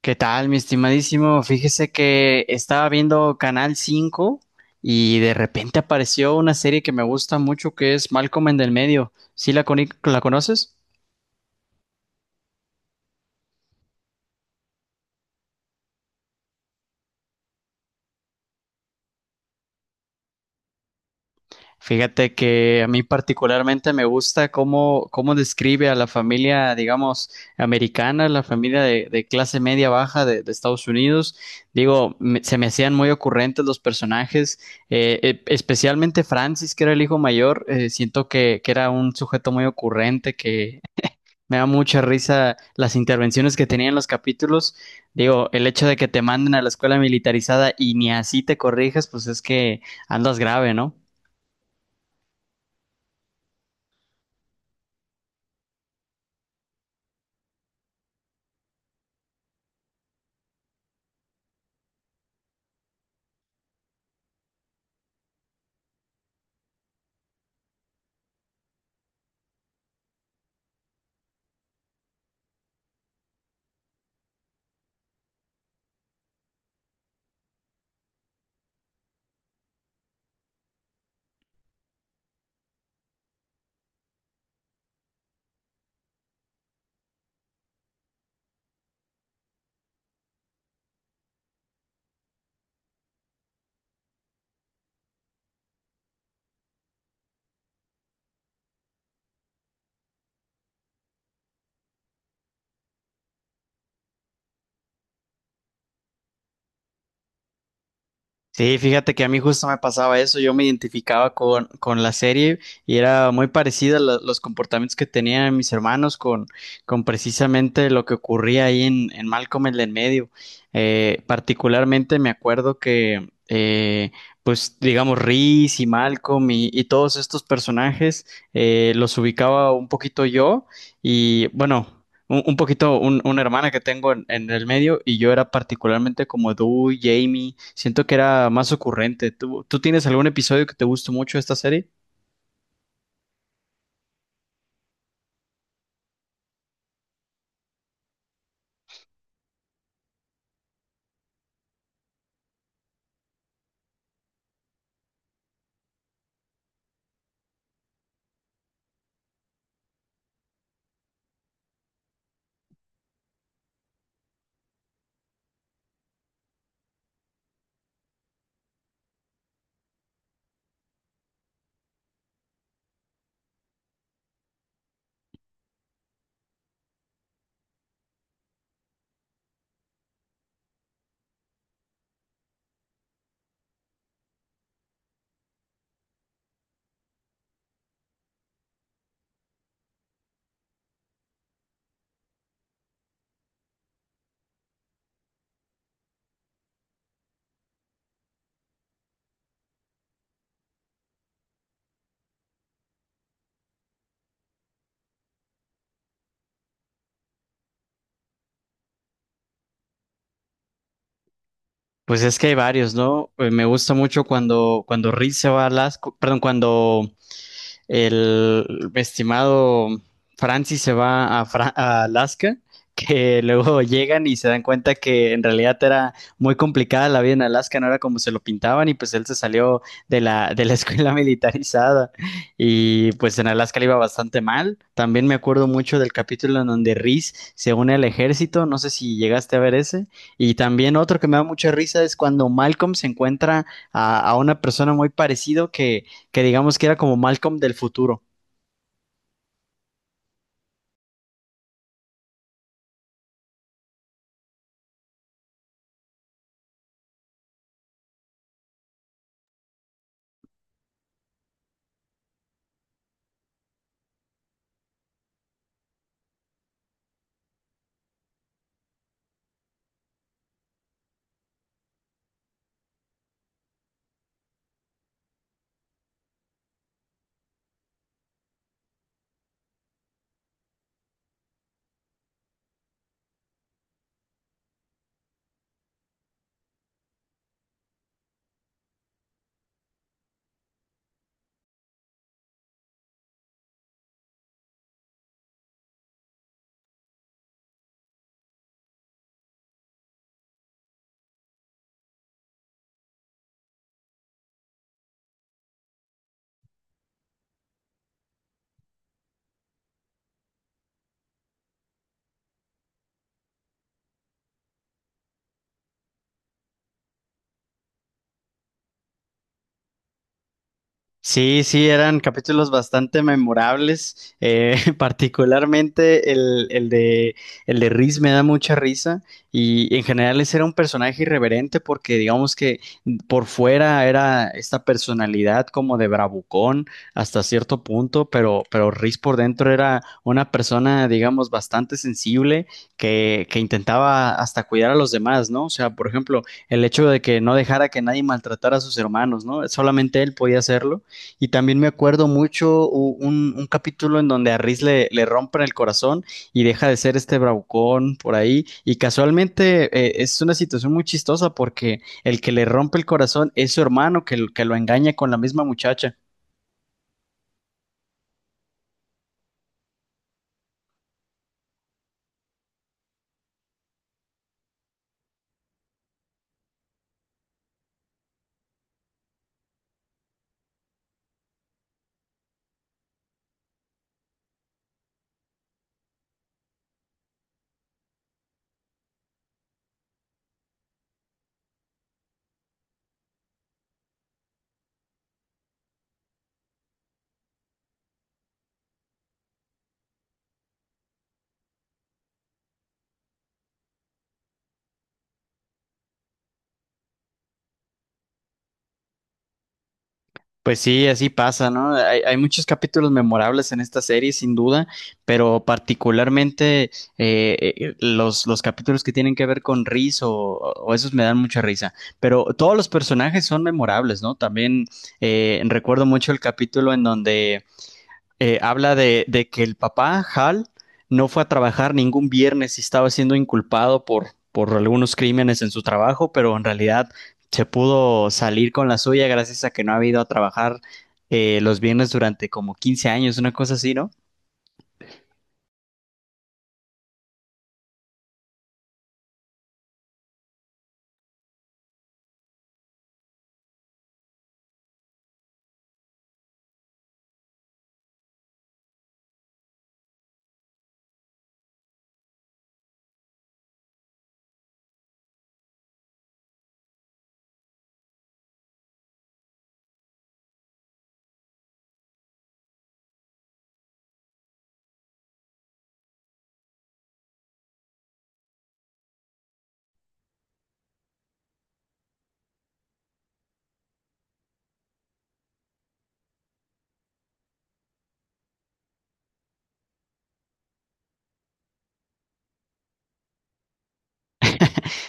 ¿Qué tal, mi estimadísimo? Fíjese que estaba viendo Canal 5 y de repente apareció una serie que me gusta mucho que es Malcolm en el medio. ¿Sí la conoces? Fíjate que a mí particularmente me gusta cómo describe a la familia, digamos, americana, la familia de clase media baja de Estados Unidos. Digo, se me hacían muy ocurrentes los personajes, especialmente Francis, que era el hijo mayor. Siento que era un sujeto muy ocurrente, que me da mucha risa las intervenciones que tenía en los capítulos. Digo, el hecho de que te manden a la escuela militarizada y ni así te corrijas, pues es que andas grave, ¿no? Sí, fíjate que a mí justo me pasaba eso, yo me identificaba con la serie y era muy parecida los comportamientos que tenían mis hermanos con precisamente lo que ocurría ahí en Malcolm el del medio. Particularmente me acuerdo que pues digamos, Reese y Malcolm y todos estos personajes los ubicaba un poquito yo y bueno. Un poquito, una hermana que tengo en el medio y yo era particularmente como Jamie, siento que era más ocurrente. ¿Tú tienes algún episodio que te gustó mucho de esta serie? Pues es que hay varios, ¿no? Me gusta mucho cuando Reed se va a Alaska, perdón, cuando el estimado Francis se va a, a Alaska, que luego llegan y se dan cuenta que en realidad era muy complicada la vida en Alaska, no era como se lo pintaban y pues él se salió de de la escuela militarizada y pues en Alaska le iba bastante mal. También me acuerdo mucho del capítulo en donde Reese se une al ejército, no sé si llegaste a ver ese. Y también otro que me da mucha risa es cuando Malcolm se encuentra a una persona muy parecido que digamos que era como Malcolm del futuro. Sí, sí, eran capítulos bastante memorables, particularmente el de Riz me da mucha risa y en general ese era un personaje irreverente porque digamos que por fuera era esta personalidad como de bravucón hasta cierto punto, pero Riz por dentro era una persona, digamos, bastante sensible que intentaba hasta cuidar a los demás, ¿no? O sea, por ejemplo, el hecho de que no dejara que nadie maltratara a sus hermanos, ¿no? Solamente él podía hacerlo. Y también me acuerdo mucho un capítulo en donde a Riz le rompen el corazón y deja de ser este bravucón por ahí. Y casualmente es una situación muy chistosa porque el que le rompe el corazón es su hermano que, que lo engaña con la misma muchacha. Pues sí, así pasa, ¿no? Hay muchos capítulos memorables en esta serie, sin duda, pero particularmente los capítulos que tienen que ver con Riz o esos me dan mucha risa. Pero todos los personajes son memorables, ¿no? También recuerdo mucho el capítulo en donde habla de que el papá, Hal, no fue a trabajar ningún viernes y estaba siendo inculpado por algunos crímenes en su trabajo, pero en realidad se pudo salir con la suya gracias a que no ha ido a trabajar los viernes durante como 15 años, una cosa así, ¿no?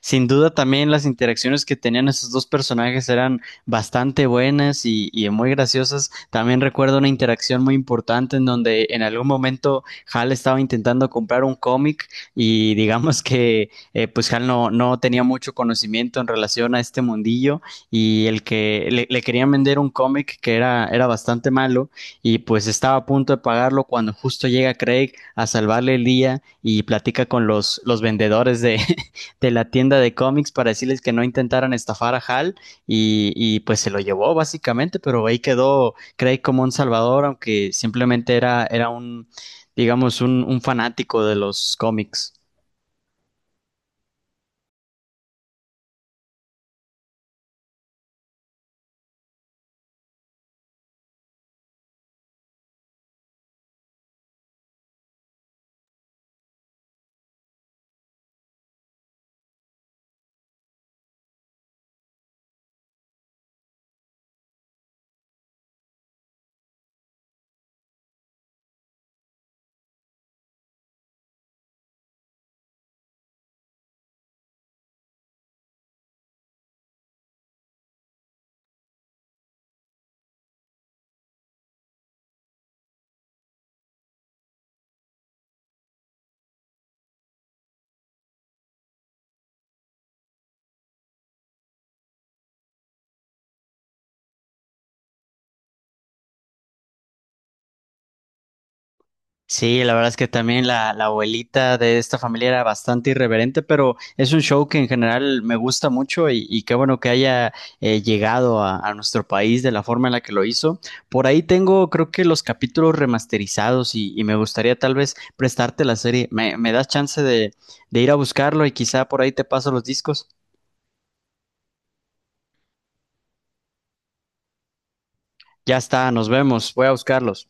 Sin duda también las interacciones que tenían esos dos personajes eran bastante buenas y muy graciosas. También recuerdo una interacción muy importante en donde en algún momento Hal estaba intentando comprar un cómic y digamos que pues Hal no, no tenía mucho conocimiento en relación a este mundillo y el que le querían vender un cómic que era bastante malo y pues estaba a punto de pagarlo cuando justo llega Craig a salvarle el día y platica con los vendedores de la tienda de cómics para decirles que no intentaran estafar a Hal y pues se lo llevó básicamente, pero ahí quedó Craig como un salvador, aunque simplemente era un, digamos, un fanático de los cómics. Sí, la verdad es que también la abuelita de esta familia era bastante irreverente, pero es un show que en general me gusta mucho y qué bueno que haya llegado a nuestro país de la forma en la que lo hizo. Por ahí tengo, creo que los capítulos remasterizados y me gustaría tal vez prestarte la serie. Me das chance de ir a buscarlo y quizá por ahí te paso los discos? Ya está, nos vemos, voy a buscarlos.